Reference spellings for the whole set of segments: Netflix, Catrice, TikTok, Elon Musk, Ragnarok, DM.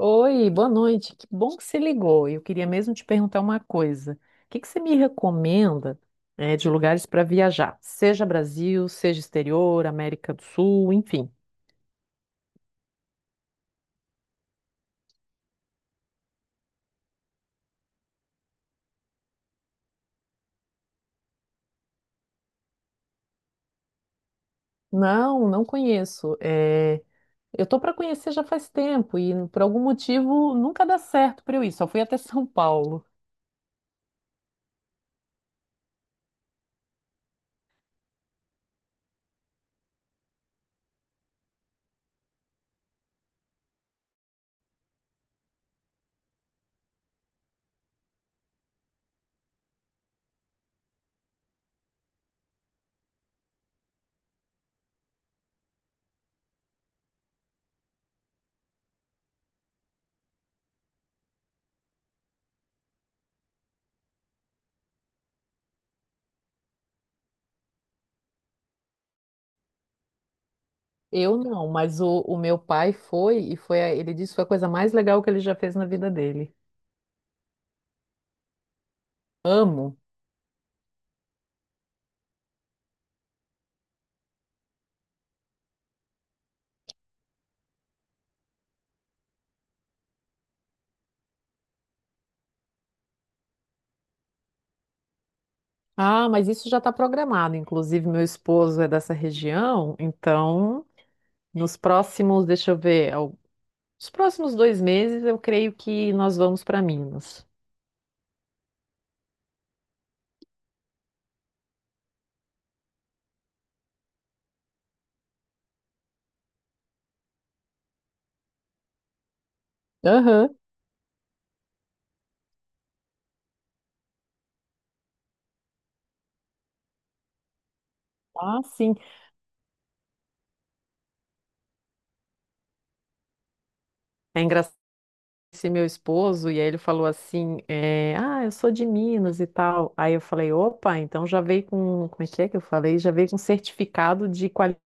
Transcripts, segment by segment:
Oi, boa noite. Que bom que você ligou. Eu queria mesmo te perguntar uma coisa. O que que você me recomenda, de lugares para viajar? Seja Brasil, seja exterior, América do Sul, enfim. Não, não conheço. Eu tô para conhecer já faz tempo e por algum motivo nunca dá certo para eu ir. Só fui até São Paulo. Eu não, mas o meu pai foi e foi, ele disse que foi a coisa mais legal que ele já fez na vida dele. Amo. Ah, mas isso já está programado. Inclusive, meu esposo é dessa região, então, nos próximos, deixa eu ver, os próximos dois meses, eu creio que nós vamos para Minas. Aham. Ah, sim. É engraçado esse meu esposo, e aí ele falou assim, ah, eu sou de Minas e tal. Aí eu falei, opa, então já veio com, como é que eu falei? Já veio com certificado de qualidade.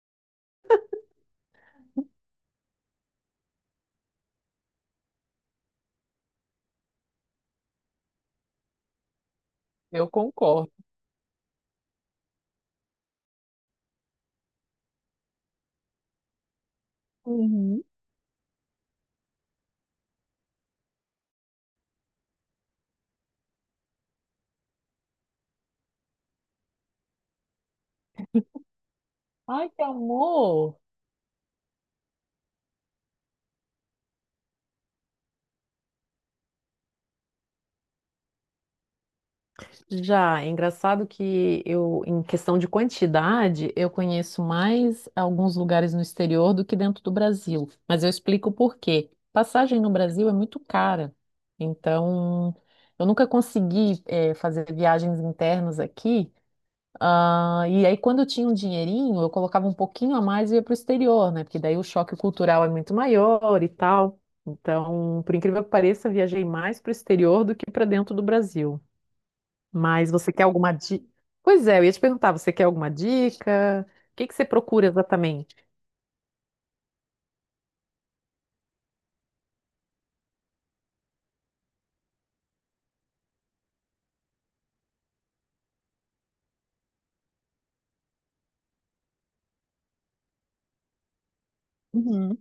Eu concordo. Uhum. Ai, que amor! Já, é engraçado que eu, em questão de quantidade, eu conheço mais alguns lugares no exterior do que dentro do Brasil. Mas eu explico por quê. Passagem no Brasil é muito cara. Então, eu nunca consegui, fazer viagens internas aqui. Ah, e aí, quando eu tinha um dinheirinho, eu colocava um pouquinho a mais e ia para o exterior, né? Porque daí o choque cultural é muito maior e tal. Então, por incrível que pareça, eu viajei mais para o exterior do que para dentro do Brasil. Mas você quer alguma dica? Pois é, eu ia te perguntar, você quer alguma dica? O que que você procura exatamente? Uhum.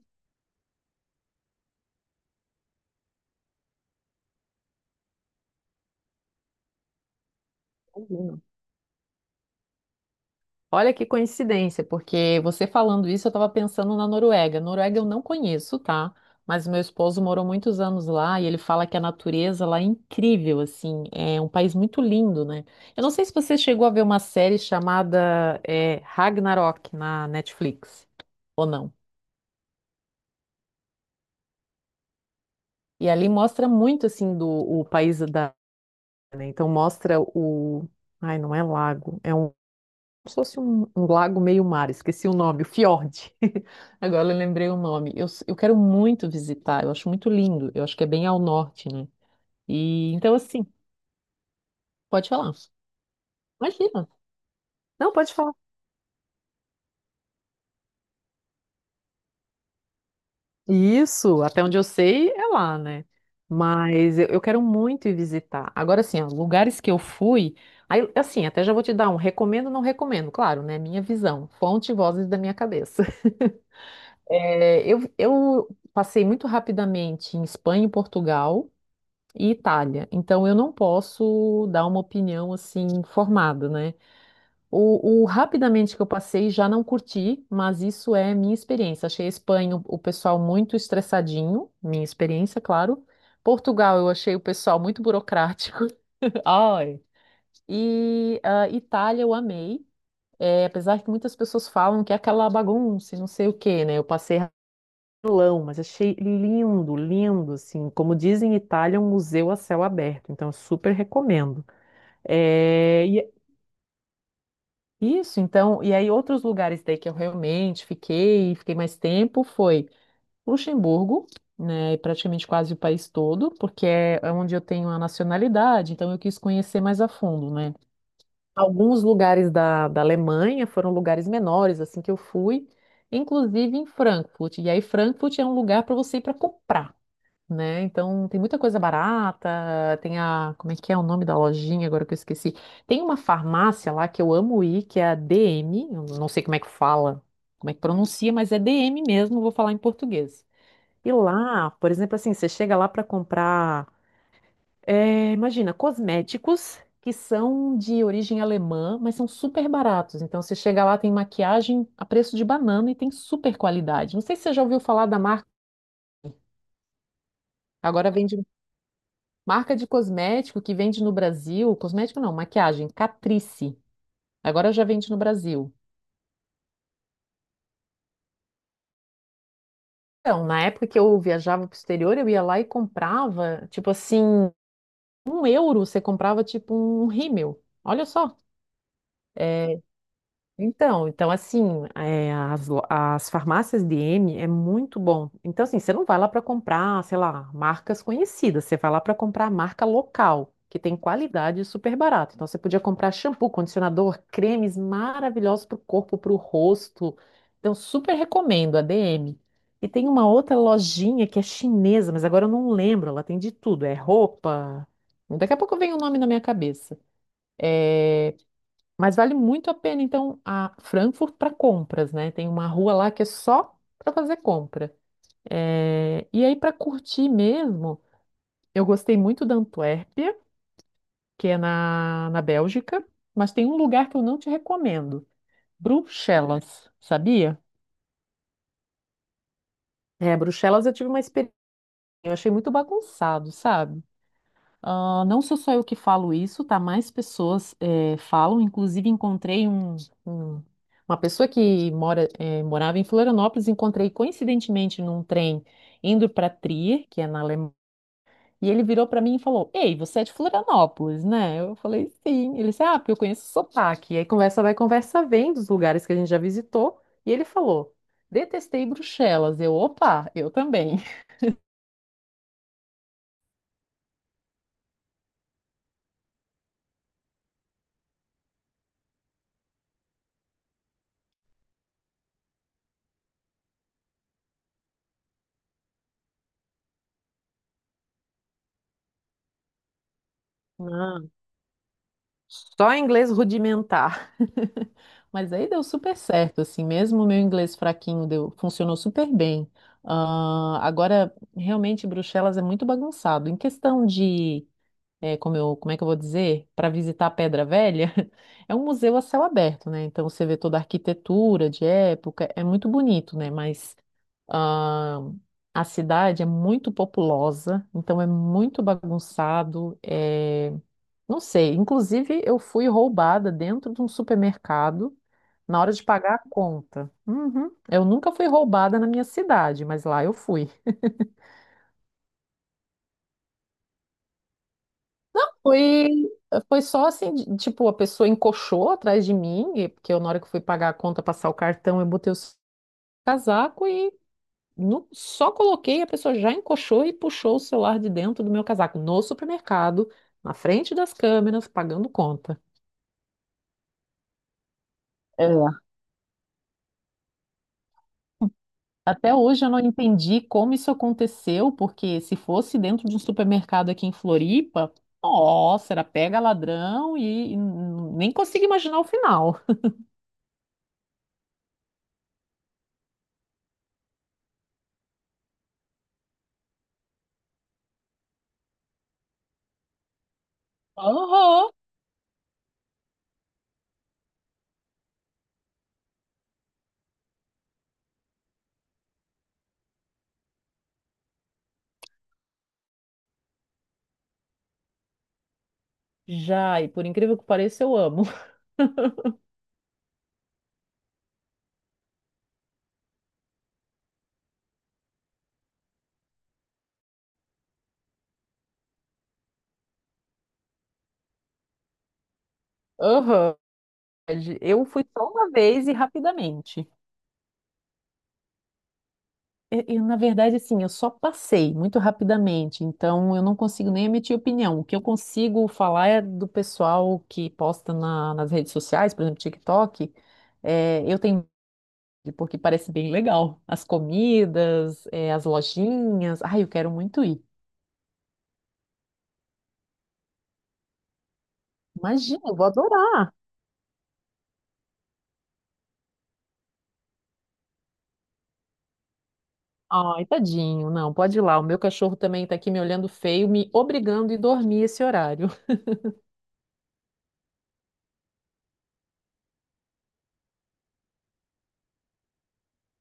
Combino. Olha que coincidência, porque você falando isso, eu estava pensando na Noruega. Noruega eu não conheço, tá? Mas meu esposo morou muitos anos lá e ele fala que a natureza lá é incrível, assim, é um país muito lindo, né? Eu não sei se você chegou a ver uma série chamada Ragnarok na Netflix ou não. E ali mostra muito assim do o país da né? Então mostra o. Ai, não é lago, é um. Como se fosse um lago meio mar, esqueci o nome, o fiord. Agora eu lembrei o nome. Eu quero muito visitar, eu acho muito lindo, eu acho que é bem ao norte, né? E então, assim, pode falar. Imagina. Não, pode falar. Isso, até onde eu sei, é lá, né? Mas eu quero muito ir visitar. Agora, assim, ó, lugares que eu fui. Aí, assim, até já vou te dar um recomendo, não recomendo, claro, né? Minha visão, fonte e vozes da minha cabeça. Eu passei muito rapidamente em Espanha, Portugal e Itália, então eu não posso dar uma opinião assim formada, né? O rapidamente que eu passei já não curti, mas isso é minha experiência. Achei a Espanha o pessoal muito estressadinho, minha experiência, claro. Portugal eu achei o pessoal muito burocrático. Ai. E Itália eu amei. Apesar que muitas pessoas falam que é aquela bagunça, e não sei o quê, né? Eu passei Milão, mas achei lindo, lindo, assim, como dizem em Itália, um museu a céu aberto, então eu super recomendo. E é isso, então, e aí outros lugares daí que eu realmente fiquei mais tempo, foi Luxemburgo, né, e praticamente quase o país todo, porque é onde eu tenho a nacionalidade, então eu quis conhecer mais a fundo, né. Alguns lugares da Alemanha foram lugares menores, assim, que eu fui, inclusive em Frankfurt, e aí Frankfurt é um lugar para você ir para comprar. Né? Então tem muita coisa barata, como é que é o nome da lojinha agora que eu esqueci? Tem uma farmácia lá que eu amo ir, que é a DM, eu não sei como é que fala, como é que pronuncia, mas é DM mesmo, vou falar em português. E lá, por exemplo, assim, você chega lá para comprar, imagina, cosméticos que são de origem alemã, mas são super baratos. Então você chega lá, tem maquiagem a preço de banana e tem super qualidade. Não sei se você já ouviu falar da marca, agora vende Marca de cosmético que vende no Brasil, cosmético não, maquiagem, Catrice. Agora já vende no Brasil. Então, na época que eu viajava pro exterior, eu ia lá e comprava, tipo assim, um euro você comprava tipo um rímel. Olha só. é, então assim, as farmácias DM é muito bom. Então, assim, você não vai lá para comprar, sei lá, marcas conhecidas, você vai lá para comprar marca local, que tem qualidade e super barato. Então, você podia comprar shampoo, condicionador, cremes maravilhosos para o corpo, para o rosto. Então, super recomendo a DM. E tem uma outra lojinha que é chinesa, mas agora eu não lembro, ela tem de tudo, é roupa. Daqui a pouco vem o nome na minha cabeça. Mas vale muito a pena, então, a Frankfurt para compras, né? Tem uma rua lá que é só para fazer compra. E aí, para curtir mesmo, eu gostei muito da Antuérpia, que é na Bélgica, mas tem um lugar que eu não te recomendo, Bruxelas, sabia? Bruxelas eu tive uma experiência, eu achei muito bagunçado, sabe? Ah, não sou só eu que falo isso, tá? Mais pessoas falam. Inclusive, encontrei um- uma pessoa que morava em Florianópolis, encontrei coincidentemente num trem indo para Trier, que é na Alemanha, e ele virou para mim e falou: Ei, você é de Florianópolis, né? Eu falei: Sim. Ele disse: Ah, porque eu conheço o sotaque. E aí conversa vai, conversa vem dos lugares que a gente já visitou. E ele falou: Detestei Bruxelas. Opa, eu também. Só inglês rudimentar. Mas aí deu super certo, assim, mesmo o meu inglês fraquinho funcionou super bem. Ah, agora, realmente, Bruxelas é muito bagunçado. Em questão de, como é que eu vou dizer, para visitar a Pedra Velha, é um museu a céu aberto, né? Então você vê toda a arquitetura de época, é muito bonito, né? Mas ah, a cidade é muito populosa, então é muito bagunçado. Não sei. Inclusive, eu fui roubada dentro de um supermercado na hora de pagar a conta. Uhum. Eu nunca fui roubada na minha cidade, mas lá eu fui. Foi, foi só assim, tipo, a pessoa encoxou atrás de mim, porque eu, na hora que eu fui pagar a conta, passar o cartão, eu botei o casaco e só coloquei, a pessoa já encoxou e puxou o celular de dentro do meu casaco, no supermercado, na frente das câmeras, pagando conta. É. Até hoje eu não entendi como isso aconteceu, porque se fosse dentro de um supermercado aqui em Floripa, nossa, era pega ladrão e nem consigo imaginar o final. Aham. Já, e por incrível que pareça, eu amo. Aham. Eu fui só uma vez e rapidamente. Eu, na verdade, assim, eu só passei muito rapidamente, então eu não consigo nem emitir opinião. O que eu consigo falar é do pessoal que posta nas redes sociais, por exemplo, TikTok. Eu tenho porque parece bem legal. As comidas, as lojinhas. Ai, eu quero muito ir. Imagina, eu vou adorar. Ai, tadinho, não, pode ir lá. O meu cachorro também está aqui me olhando feio, me obrigando a ir dormir esse horário.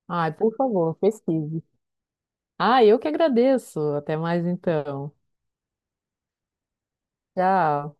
Ai, por favor, pesquise. Ah, eu que agradeço. Até mais então. Tchau.